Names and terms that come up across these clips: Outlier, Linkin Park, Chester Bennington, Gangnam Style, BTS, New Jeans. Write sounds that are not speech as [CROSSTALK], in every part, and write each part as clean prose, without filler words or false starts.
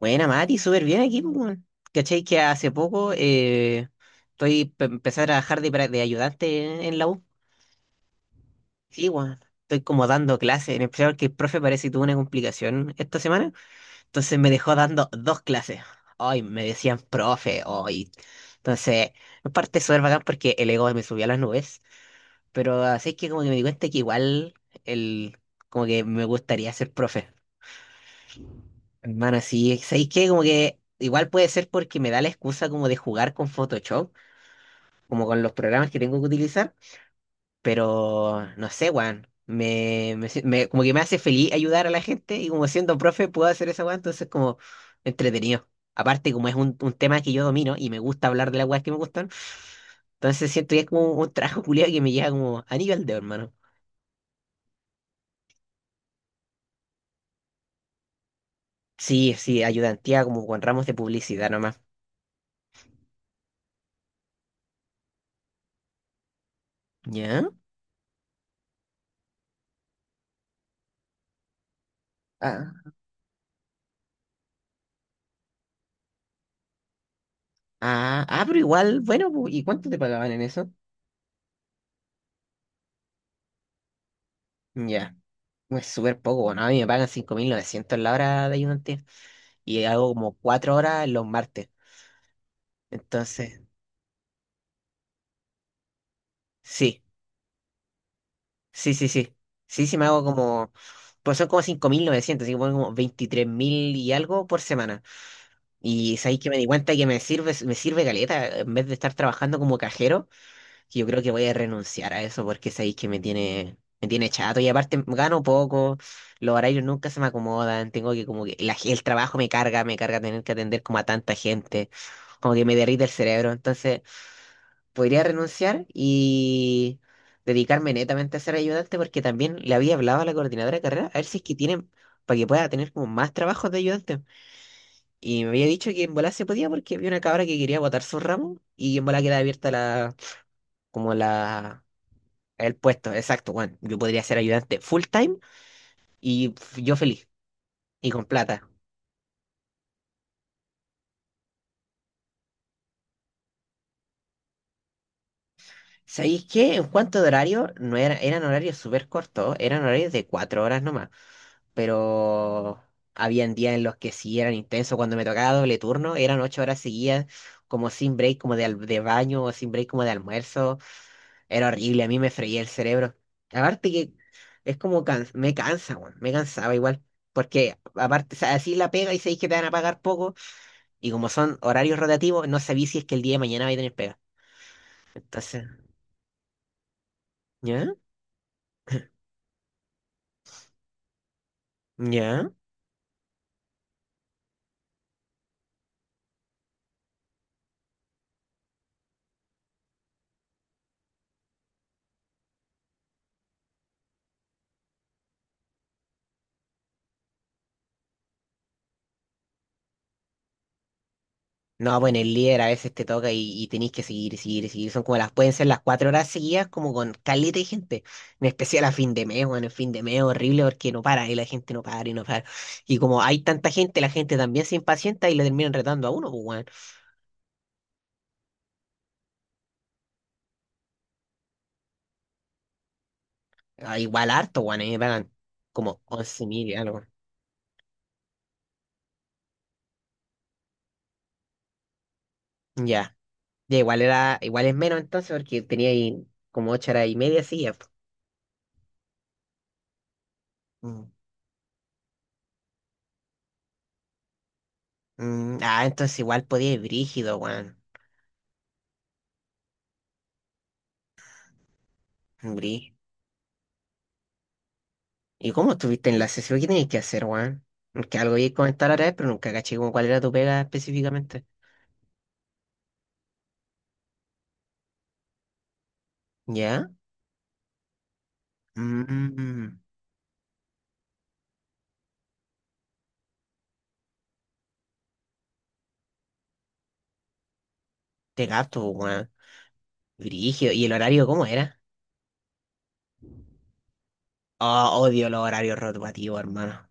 Buena, Mati, súper bien aquí, pues, weón. ¿Cachai? Que hace poco empecé a trabajar de ayudante en la U. Sí, weón. Estoy como dando clases, en especial porque el profe parece que tuvo una complicación esta semana. Entonces me dejó dando dos clases. Ay, me decían profe, hoy. Entonces, en parte súper bacán porque el ego me subió a las nubes. Pero así es que como que me di cuenta que igual el, como que me gustaría ser profe. Hermano, sí, ¿sabéis qué? Como que igual puede ser porque me da la excusa como de jugar con Photoshop, como con los programas que tengo que utilizar, pero no sé, Juan, me si- me- como que me hace feliz ayudar a la gente y como siendo profe puedo hacer esa weá, entonces como entretenido. Aparte, como es un tema que yo domino y me gusta hablar de las weas que me gustan, entonces siento que es como un trabajo [LAUGHS] culiado que me llega como a nivel de hermano. Sí, sí, ayudantía como con ramos de publicidad nomás. ¿Ya? Ah, ah, pero igual, bueno, ¿y cuánto te pagaban en eso? Ya, es súper poco, bueno, a mí me pagan 5.900 la hora de ayudante y hago como 4 horas los martes. Entonces, sí, sí, sí, sí. Sí, sí, me hago como, pues son como 5.900 así que pongo como 23.000 y algo por semana. Y sabéis que me di cuenta que me sirve caleta, en vez de estar trabajando como cajero, que yo creo que voy a renunciar a eso porque sabéis que me tiene chato y aparte gano poco, los horarios nunca se me acomodan, tengo que como que el trabajo me carga tener que atender como a tanta gente, como que me derrite el cerebro, entonces podría renunciar y dedicarme netamente a ser ayudante porque también le había hablado a la coordinadora de carrera a ver si es que tienen para que pueda tener como más trabajos de ayudante. Y me había dicho que en bola se podía porque había una cabra que quería botar su ramo y en bola queda abierta la como la el puesto, exacto, bueno, yo podría ser ayudante full time y yo feliz y con plata. ¿Sabéis qué? En cuanto de horario, no era, eran horarios súper cortos, eran horarios de 4 horas nomás, pero habían días en los que sí eran intensos, cuando me tocaba doble turno, eran 8 horas seguidas, como sin break como de baño o sin break como de almuerzo, era horrible, a mí me freía el cerebro. Aparte que es como me cansa, weón, me cansaba igual, porque aparte, o sea, así la pega y sabéis que te van a pagar poco. Y como son horarios rotativos, no sabí si es que el día de mañana vais a tener pega. Entonces, ¿ya? ¿Ya? No, bueno, el líder a veces te toca y tenéis que seguir, y seguir, y seguir. Son como pueden ser las 4 horas seguidas, como con caleta de gente. En especial a fin de mes, bueno, el fin de mes es horrible porque no para, y la gente no para, y no para. Y como hay tanta gente, la gente también se impacienta y le terminan retando a uno, pues, weón. Ah, igual harto, weón, a mí me pagan como 11.000 y algo. Ya, ya, igual es menos entonces porque tenía ahí como 8 horas y media seguidas, pues. Mm. Ah, entonces igual podía ir brígido, weón. Brí. ¿Y cómo estuviste en la sesión? ¿Qué tenías que hacer, weón? Que algo iba a comentar ahora, pero nunca caché como cuál era tu pega específicamente. ¿Ya? Mm, te gato, weón. Brígido. ¿Y el horario cómo era? Oh, odio los horarios rotativos, hermano.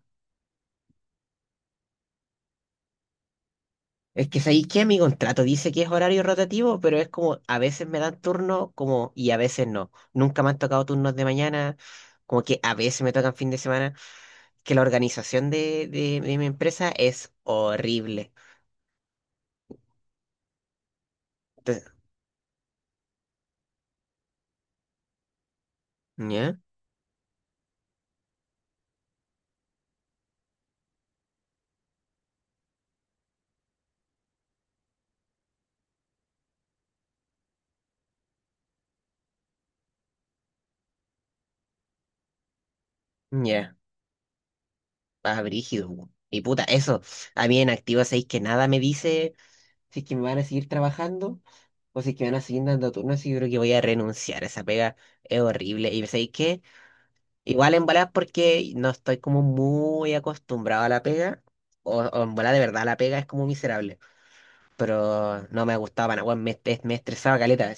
Es que sabéis que mi contrato dice que es horario rotativo, pero es como a veces me dan turno como y a veces no. Nunca me han tocado turnos de mañana, como que a veces me tocan fin de semana, que la organización de mi empresa es horrible. Entonces, ya, ya, ah, brígido. Po. Y puta, eso, a mí en activo sabéis que nada me dice si es que me van a seguir trabajando o si es que me van a seguir dando turnos y yo creo que voy a renunciar. Esa pega es horrible. Y sabéis que igual en bola porque no estoy como muy acostumbrado a la pega o en bola de verdad la pega es como miserable. Pero no me gustaba, para nada, weón, me estresaba caleta. De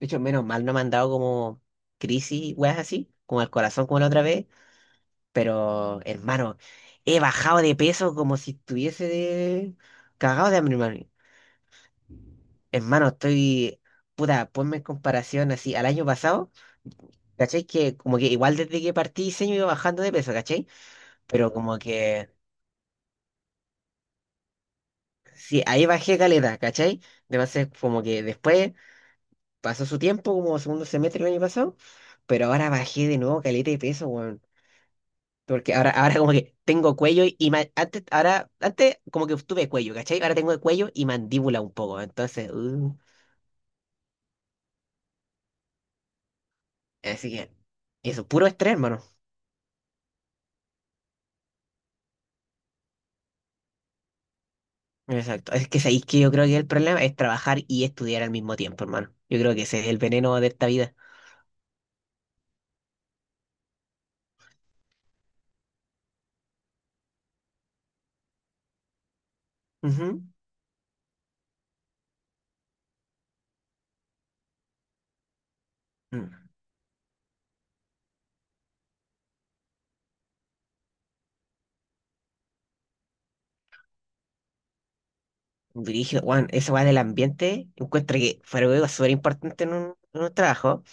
hecho, menos mal no me han dado como crisis, weas así, como el corazón como la otra vez. Pero, hermano, he bajado de peso como si estuviese de cagado de hambre, hermano. Hermano, estoy. Puta, ponme en comparación así al año pasado. ¿Cachai? Que como que igual desde que partí diseño iba bajando de peso, ¿cachai? Pero como que, sí, ahí bajé caleta, ¿cachai? Además, como que después pasó su tiempo, como segundo semestre del año pasado, pero ahora bajé de nuevo caleta de peso, weón. Porque ahora, ahora como que tengo cuello y antes, ahora, antes como que tuve cuello, ¿cachai? Ahora tengo cuello y mandíbula un poco. Entonces, así que eso, puro estrés, hermano. Exacto. Es que sabéis que yo creo que el problema es trabajar y estudiar al mismo tiempo, hermano. Yo creo que ese es el veneno de esta vida. Ujú. Mm. Brígido, Juan, esa weá del ambiente, encuentro que fue algo súper importante en un trabajo.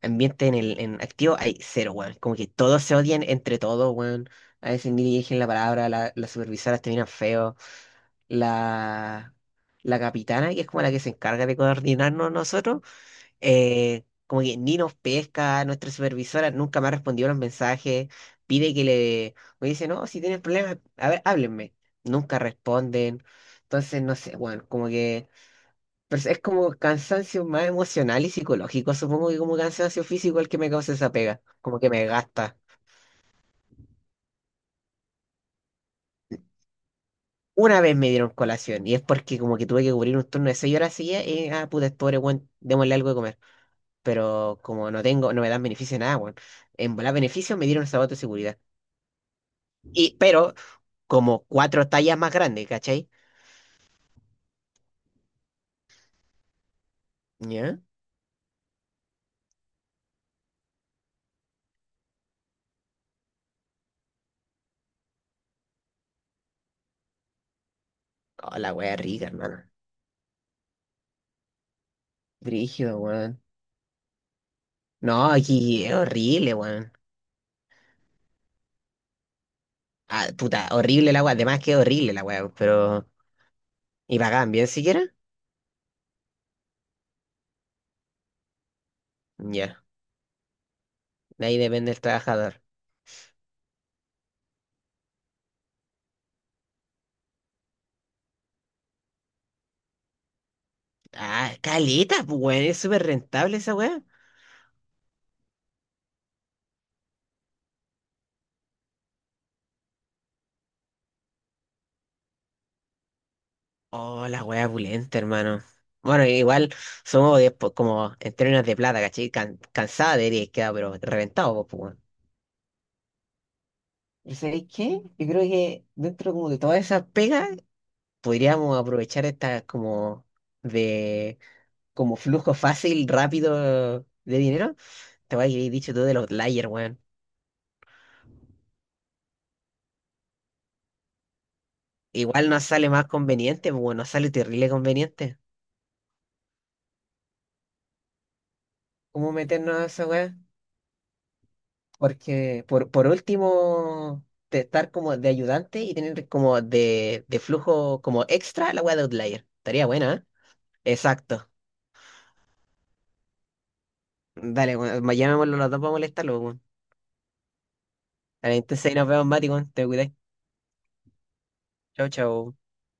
Ambiente en activo hay cero, weón. Como que todos se odian entre todos, weón. A veces ni dirigen la palabra, las supervisoras terminan feo. La, la capitana, que es como la que se encarga de coordinarnos nosotros, como que ni nos pesca, nuestra supervisora nunca me ha respondido los mensajes, pide que le. Me dice, no, si tienen problemas, a ver, háblenme. Nunca responden. Entonces, no sé, weón, como que. Pero es como cansancio más emocional y psicológico, supongo que como cansancio físico el que me causa esa pega, como que me gasta. Una vez me dieron colación y es porque como que tuve que cubrir un turno de 6 horas seguidas y ah, puta, este pobre weón, démosle algo de comer. Pero como no tengo, no me dan beneficio nada, weón. En volar beneficio me dieron zapatos de seguridad. Y, pero como cuatro tallas más grandes, ¿cachai? ¿Ya? Oh, la wea rica, hermano. Brígido, weón. No, aquí es horrible, weón. Ah, puta, horrible la wea. Además que es horrible la wea, pero. ¿Y pagan bien siquiera? Ya, de ahí depende el trabajador. Ah, caleta, pues, weón, es súper rentable esa weá. Oh, la weá pulenta, hermano. Bueno, igual somos después como en términos de plata, ¿cachai? Cansada debería quedar, pero reventado, pues, weón. ¿Y sabéis qué? Yo creo que dentro como de todas esas pegas, podríamos aprovechar esta como de como flujo fácil, rápido de dinero. Te voy a dicho todo del Outlier, weón. Igual nos sale más conveniente, pues, bueno, nos sale terrible conveniente. ¿Cómo meternos a esa weá? Porque por último, de estar como de ayudante y tener como de flujo como extra la weá de Outlier. Estaría buena, ¿eh? Exacto. Dale, weón, llamémoslo los dos para molestarlo, weón. Dale, entonces ahí nos vemos, Mati, weón. Te cuidáis. Chau, chau.